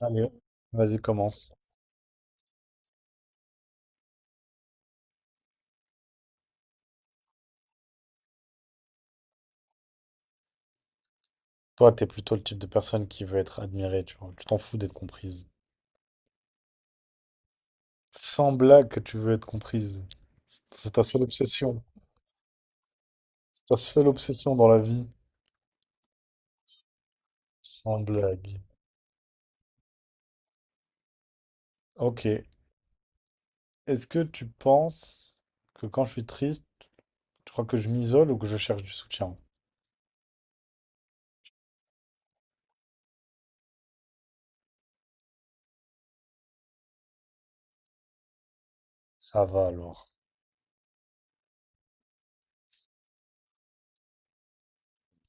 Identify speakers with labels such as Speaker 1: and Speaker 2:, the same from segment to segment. Speaker 1: Allez, vas-y, commence. Toi, t'es plutôt le type de personne qui veut être admirée, tu vois. Tu t'en fous d'être comprise. Sans blague que tu veux être comprise. C'est ta seule obsession. C'est ta seule obsession dans la vie. Sans blague. Ok. Est-ce que tu penses que quand je suis triste, tu crois que je m'isole ou que je cherche du soutien? Ça va alors.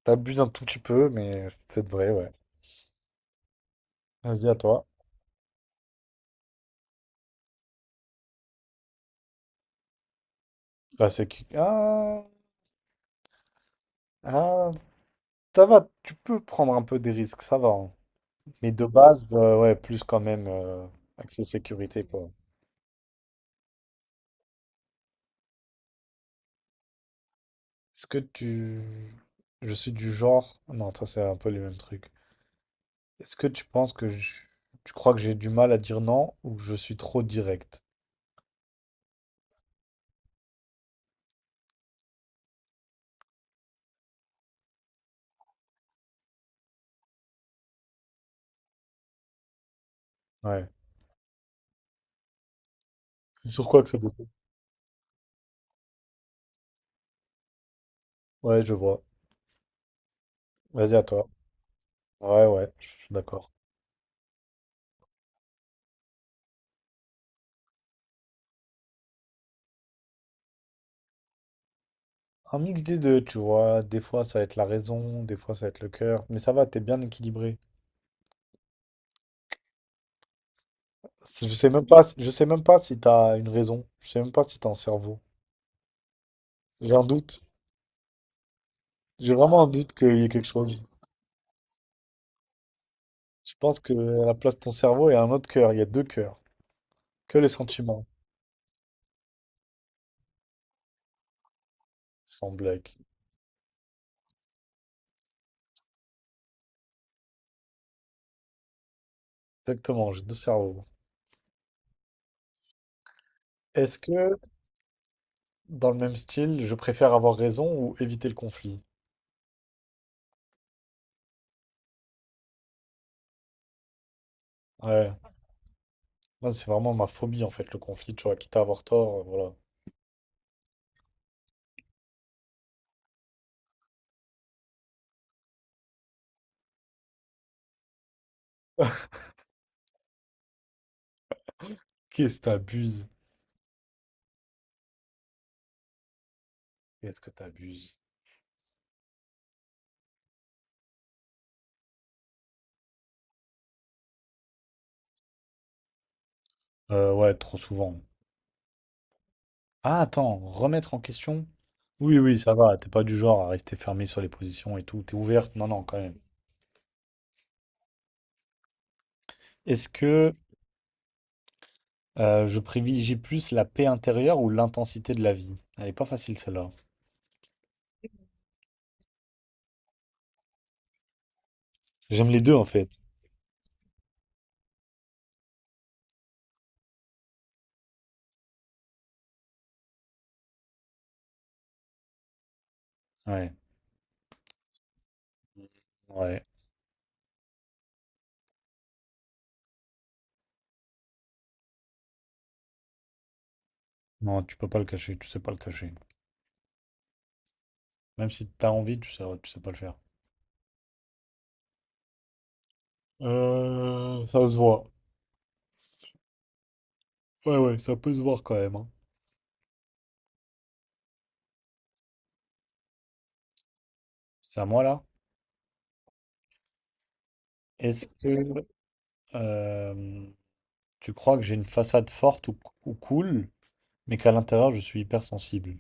Speaker 1: T'abuses un tout petit peu, mais c'est de vrai, ouais. Vas-y, à toi. Là, c'est qui? Ah, ah, ça va, tu peux prendre un peu des risques, ça va, hein. Mais de base, ouais, plus quand même, accès sécurité, quoi. Est-ce que tu... Je suis du genre... Non, ça c'est un peu les mêmes trucs. Est-ce que tu penses que je- Tu crois que j'ai du mal à dire non ou que je suis trop direct? Ouais. C'est sur quoi que ça dépend? Ouais, je vois. Vas-y à toi. Ouais, ouais, je suis d'accord. Un mix des deux, tu vois. Des fois, ça va être la raison, des fois, ça va être le cœur. Mais ça va, t'es bien équilibré. Je sais même pas, je sais même pas si t'as une raison. Je sais même pas si t'as un cerveau. J'ai un doute. J'ai vraiment un doute qu'il y ait quelque chose. Je pense que à la place de ton cerveau, il y a un autre cœur. Il y a deux cœurs. Que les sentiments. Sans blague. Exactement, j'ai deux cerveaux. Est-ce que, dans le même style, je préfère avoir raison ou éviter le conflit? Ouais. Moi, c'est vraiment ma phobie, en fait, le conflit. Tu vois, quitte à avoir tort, voilà. Qu'est-ce que t'abuses? Qu'est-ce que t'abuses? Ouais, trop souvent. Ah, attends, remettre en question? Oui, oui, ça va. T'es pas du genre à rester fermé sur les positions et tout. T'es ouverte. Non, non, quand même. Est-ce que je privilégie plus la paix intérieure ou l'intensité de la vie. Elle est pas facile celle-là. J'aime les deux en fait. Ouais. Ouais. Non, tu peux pas le cacher, tu sais pas le cacher. Même si t'as envie, tu sais pas le faire. Ça se voit. Ouais, ouais, ça peut se voir quand même, hein. C'est à moi là. Est-ce que euh, tu crois que j'ai une façade forte ou cool, mais qu'à l'intérieur je suis hypersensible?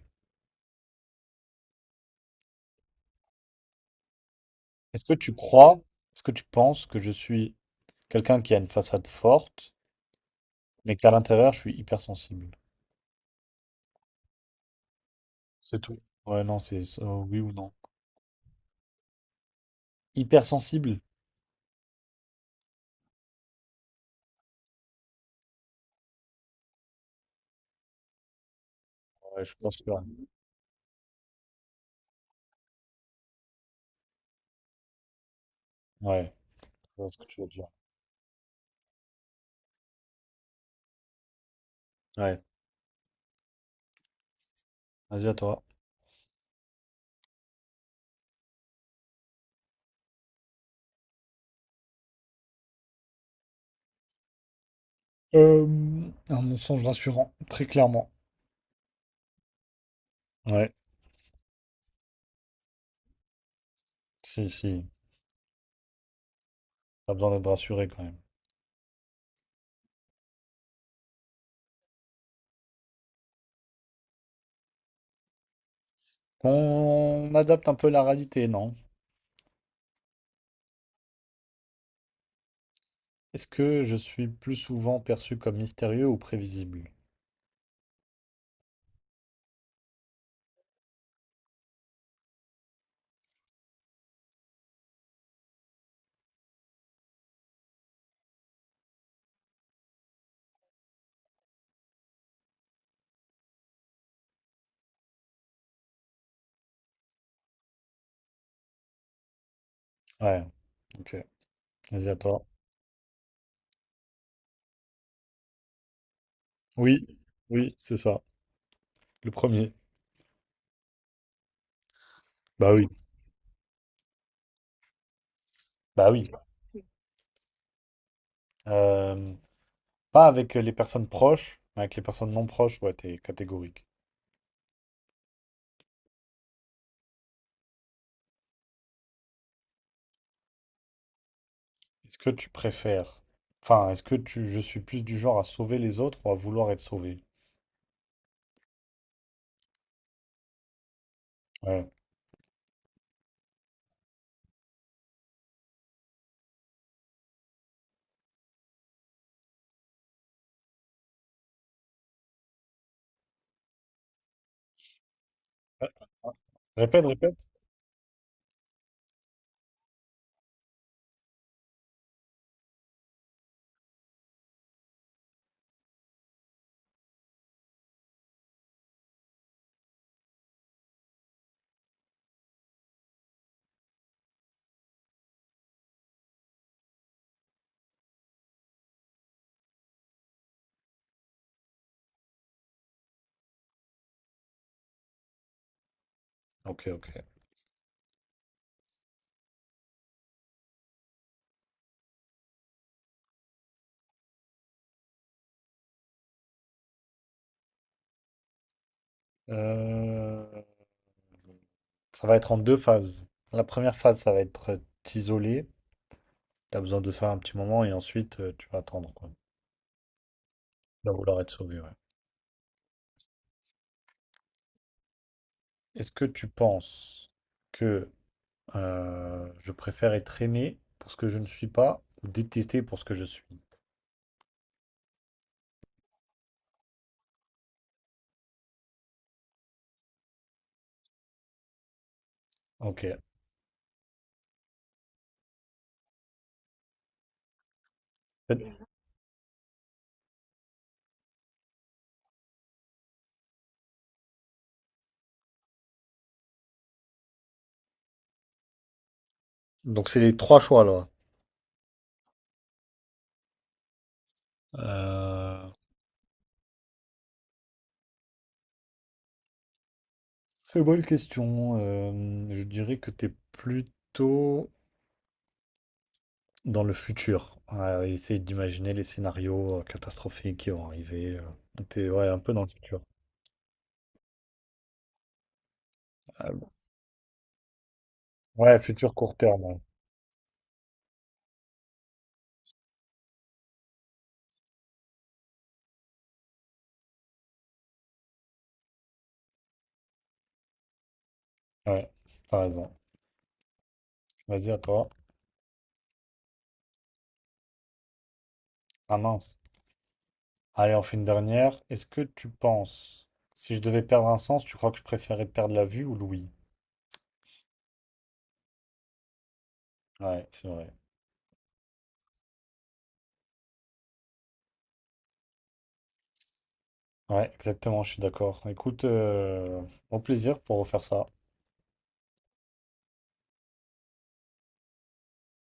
Speaker 1: Est-ce que tu crois, est-ce que tu penses que je suis quelqu'un qui a une façade forte, mais qu'à l'intérieur je suis hypersensible? C'est tout. Ouais, non, c'est ça, oui ou non. Hypersensible? Ouais, je pense que. Ouais, je vois ce que tu veux dire. Ouais, vas-y à toi. Euh, un mensonge rassurant, très clairement. Ouais, si, si. T'as besoin d'être rassuré quand même. Qu'on adapte un peu la réalité, non? Est-ce que je suis plus souvent perçu comme mystérieux ou prévisible? Ouais, ok. Vas-y à toi. Oui, oui, c'est ça. Le premier. Bah oui. Bah oui. Euh, Pas avec les personnes proches, mais avec les personnes non proches, ouais, t'es catégorique. Est-ce que tu préfères, enfin, est-ce que tu, je suis plus du genre à sauver les autres ou à vouloir être sauvé? Ouais. Répète. Ok, ok. Euh, Ça va être en deux phases. La première phase, ça va être t'isoler. T'as besoin de ça un petit moment et ensuite, tu vas attendre quoi. Tu vas vouloir être sauvé, ouais. Est-ce que tu penses que, je préfère être aimé pour ce que je ne suis pas ou détesté pour ce que je suis? Ok. Donc c'est les trois choix là. Euh, Très bonne question. Je dirais que tu es plutôt dans le futur, à essayer d'imaginer les scénarios, catastrophiques qui vont arriver. Tu es ouais, un peu dans le futur. Euh, ouais, futur court terme. Ouais, ouais, t'as raison. Vas-y, à toi. Ah mince. Allez, on fait une dernière. Est-ce que tu penses, si je devais perdre un sens, tu crois que je préférais perdre la vue ou l'ouïe? Ouais, c'est vrai. Ouais, exactement, je suis d'accord. Écoute, au plaisir pour refaire ça.